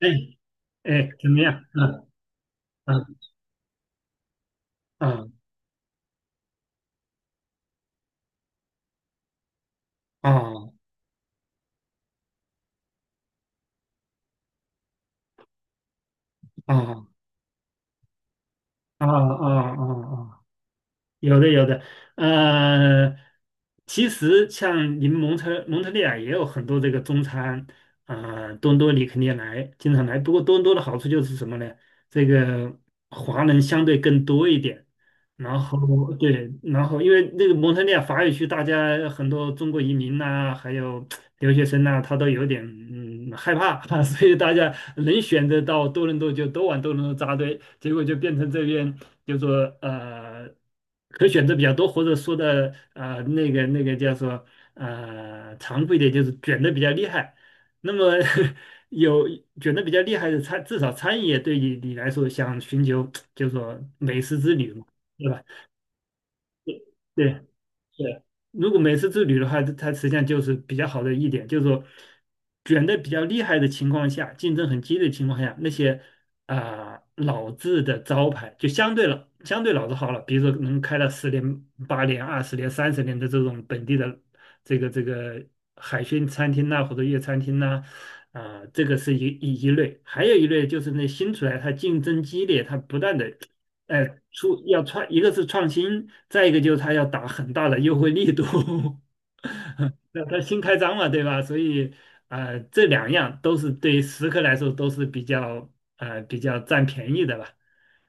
哎哎，怎么样？嗯嗯嗯。哦哦哦。有的有的，呃，其实像你们蒙特利尔也有很多这个中餐，多伦多你肯定来，经常来。不过多伦多的好处就是什么呢？这个华人相对更多一点，然后对，然后因为那个蒙特利尔法语区，大家很多中国移民呐、还有留学生呢，他都有点害怕啊 所以大家能选择到多伦多就都往多伦多扎堆，结果就变成这边就说可选择比较多，或者说的那个叫做残酷一点就是卷的比较厉害。那么 有卷的比较厉害的餐，至少餐饮业对你来说想寻求就是说美食之旅嘛，对吧？对。对，如果每次之旅的话，它实际上就是比较好的一点，就是说卷的比较厉害的情况下，竞争很激烈的情况下，那些啊、老字的招牌就相对老字号了，比如说能开了十年、8年、20年、30年的这种本地的这个海鲜餐厅呐、或者粤餐厅呐、啊，这个是一类，还有一类就是那新出来，它竞争激烈，它不断的哎，出要创，一个是创新，再一个就是他要打很大的优惠力度，那他新开张嘛，对吧？所以，这两样都是对食客来说都是比较比较占便宜的吧。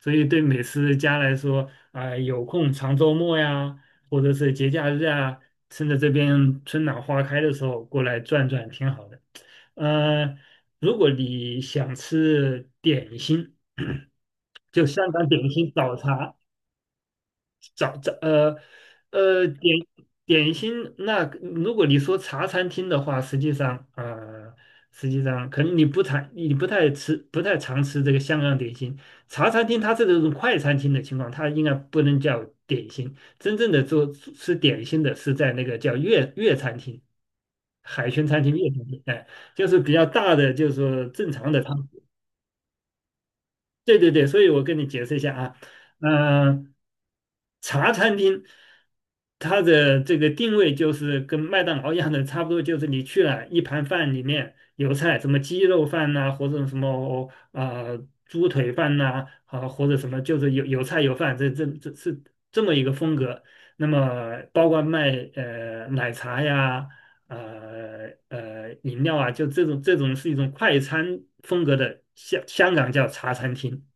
所以对美食家来说，啊、有空长周末呀，或者是节假日啊，趁着这边春暖花开的时候过来转转，挺好的。呃，如果你想吃点心。就香港点心早茶早早呃呃点点心。那如果你说茶餐厅的话，实际上实际上可能你不太吃不太常吃这个香港点心。茶餐厅它是这种快餐厅的情况，它应该不能叫点心。真正的做吃点心的是在那个叫粤餐厅、海鲜餐厅、粤餐厅，哎，就是比较大的，就是说正常的它。对对对，所以我跟你解释一下啊，嗯、茶餐厅它的这个定位就是跟麦当劳一样的，差不多就是你去了一盘饭里面有菜，什么鸡肉饭呐、或者什么猪腿饭呐、啊，或者什么就是有菜有饭，这是这么一个风格。那么包括卖奶茶呀。饮料啊，就这种是一种快餐风格的香港叫茶餐厅。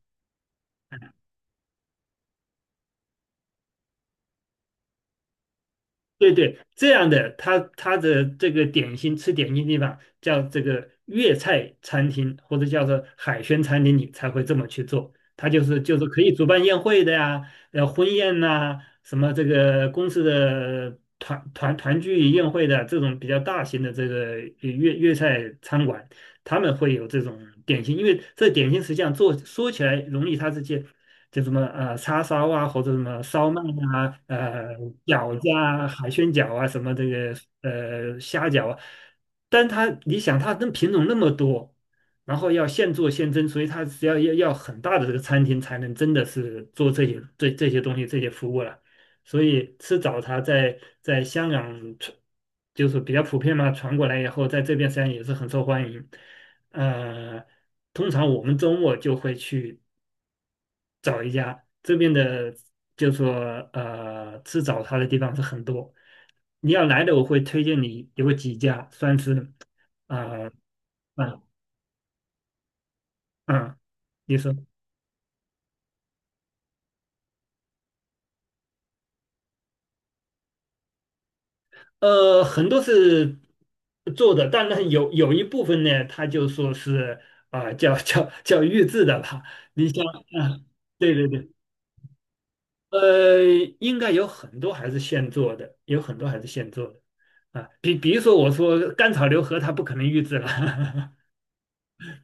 对对，这样的，他的这个点心吃点心地方叫这个粤菜餐厅，或者叫做海鲜餐厅，你才会这么去做。它就是可以主办宴会的呀，婚宴呐、什么这个公司的团聚宴会的这种比较大型的这个粤菜餐馆，他们会有这种点心，因为这点心实际上做说起来容易，它这些。就什么叉烧啊，或者什么烧麦啊，饺子啊，海鲜饺啊，什么这个虾饺啊，但它你想它跟品种那么多，然后要现做现蒸，所以它只要很大的这个餐厅才能真的是做这些这些东西这些服务了，所以吃早茶在香港传就是比较普遍嘛，传过来以后，在这边实际上也是很受欢迎，呃。通常我们周末就会去找一家这边的，就说吃早茶的地方是很多。你要来的，我会推荐你有几家，算是呃啊嗯。嗯，你说很多是做的，当然有一部分呢，他就说是啊、叫预制的吧。你像啊，对对对，呃，应该有很多还是现做的，有很多还是现做的。啊，比如说，我说甘草流河它不可能预制了，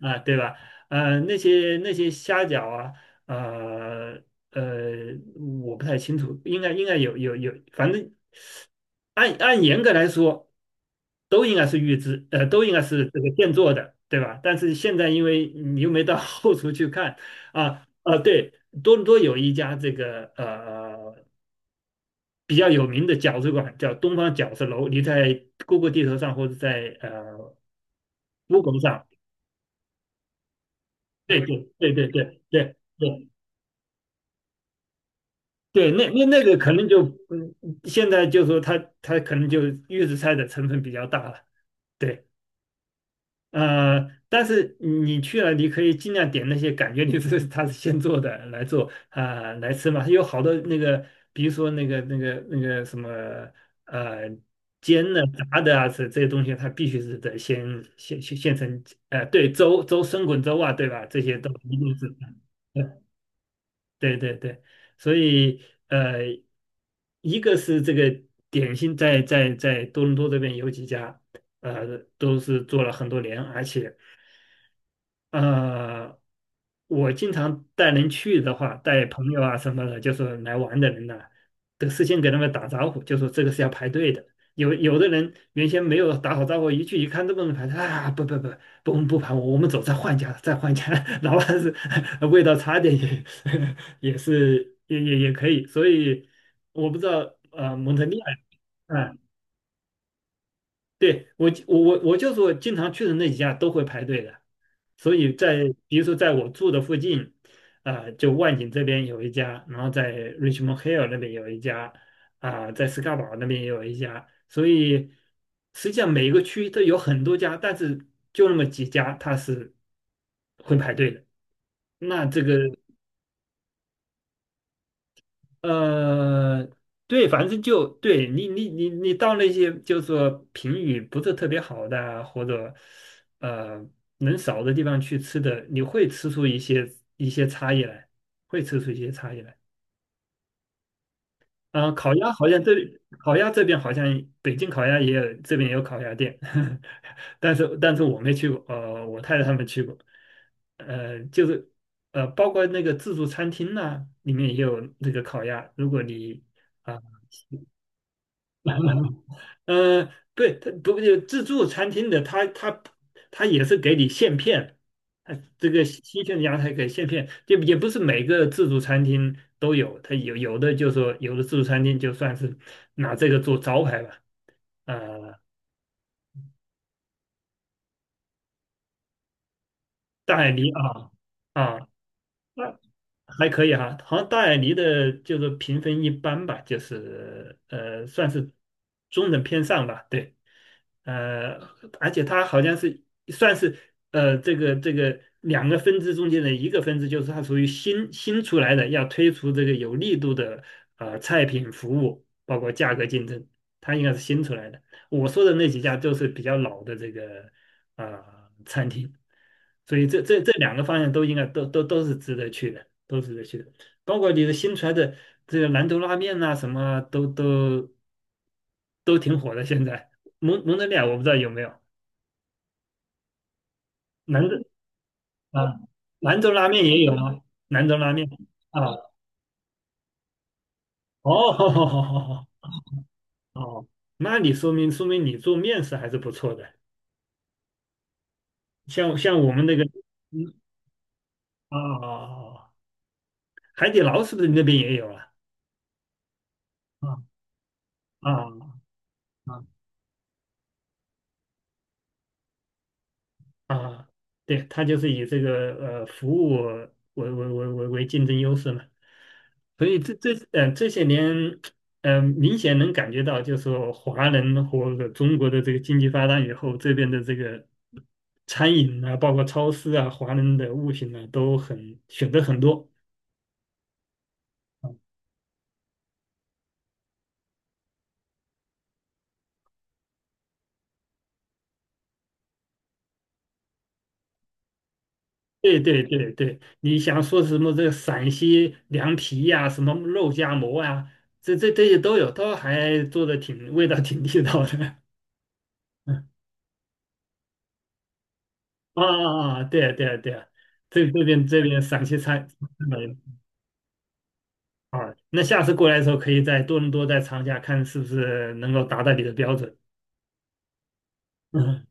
啊，对吧？呃，那些虾饺啊，呃呃，我不太清楚，应该应该有，反正按严格来说，都应该是预制，呃，都应该是这个现做的，对吧？但是现在因为你又没到 后厨去看啊啊，对，多伦多有一家这个比较有名的饺子馆，叫东方饺子楼，你在 Google 地图上或者在Google 上，对对对对对对。对对，那那个可能就，嗯，现在就说它可能就预制菜的成分比较大了，对，但是你去了，你可以尽量点那些感觉你是它是现做的来做啊、来吃嘛，有好多那个，比如说那个什么呃煎的、炸的啊，这这些东西它必须是得先现成，呃，对，生滚粥啊，对吧？这些都一定是。对对对，所以呃，一个是这个点心在多伦多这边有几家，都是做了很多年，而且呃，我经常带人去的话，带朋友啊什么的，就是来玩的人呢、都事先给他们打招呼，就说这个是要排队的。有的人原先没有打好招呼，一去一看这么多人排队啊，不，不我们不排，我们走，再换一家，再换一家，哪怕是 味道差点也 也是也可以。所以我不知道蒙特利尔，啊对，我就是我经常去的那几家都会排队的，所以在比如说在我住的附近，啊，就万景这边有一家，然后在 Richmond Hill 那边有一家，啊、在斯卡堡那边也有一家，所以实际上每个区都有很多家，但是就那么几家它是会排队的。那这个呃，对，反正就对你，你，你，你到那些就是说评语不是特别好的啊或者呃人少的地方去吃的，你会吃出一些一些差异来，会吃出一些差异来。啊、烤鸭好像这里烤鸭这边好像北京烤鸭也有，这边也有烤鸭店，但是我没去过，呃，我太太他们去过，呃，就是包括那个自助餐厅呐、里面也有那个烤鸭，如果你。啊。呃，对，它不过自助餐厅的，它也是给你现片，它这个新鲜的羊才给现片，就也不是每个自助餐厅都有，它有的就说有的自助餐厅就算是拿这个做招牌吧，呃，大理啊啊，那还可以哈，好像大眼狸的就是评分一般吧，就是算是中等偏上吧，对，呃，而且它好像是算是这个两个分支中间的一个分支，就是它属于新出来的，要推出这个有力度的菜品服务，包括价格竞争，它应该是新出来的。我说的那几家都是比较老的这个呃餐厅，所以这两个方向都应该都是值得去的。都是得去的。包括你的新出来的这个兰州拉面呐、什么啊都挺火的。现在蒙德利尔我不知道有没有，兰州啊，兰州拉面也有啊，兰州拉面啊，哦 好，哦，那你说明说明你做面食还是不错的。像我们那个，嗯哦，海底捞是不是你那边也有啊？啊啊啊啊，对，它就是以这个服务为竞争优势嘛，所以这些年，明显能感觉到，就是说华人和中国的这个经济发展以后，这边的这个餐饮啊，包括超市啊，华人的物品呢、都很选择很多。对对对对，你想说什么这个陕西凉皮呀、什么肉夹馍啊，这些都有，都还做的挺味道挺地道的。啊啊啊！啊对啊对啊对，啊，这边陕西菜没啊，那下次过来的时候可以在多伦多再尝一下，看是不是能够达到你的标准。嗯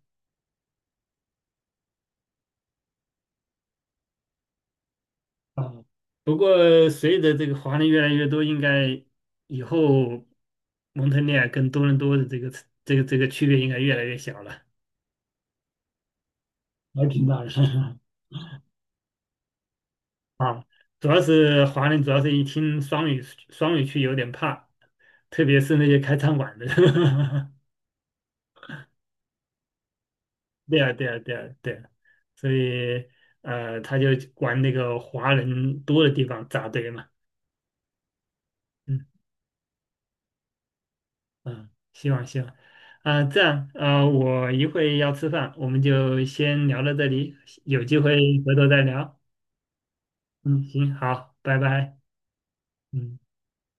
啊，不过随着这个华人越来越多，应该以后蒙特利尔跟多伦多的这个这个区别应该越来越小了，还挺大的。主要是华人，主要是一听双语双语区有点怕，特别是那些开餐馆的。对啊，对啊，对啊，对啊，所以他就往那个华人多的地方扎堆嘛，嗯嗯，希望希望，啊、这样啊、我一会要吃饭，我们就先聊到这里，有机会回头再聊，嗯，行，好，拜拜，嗯。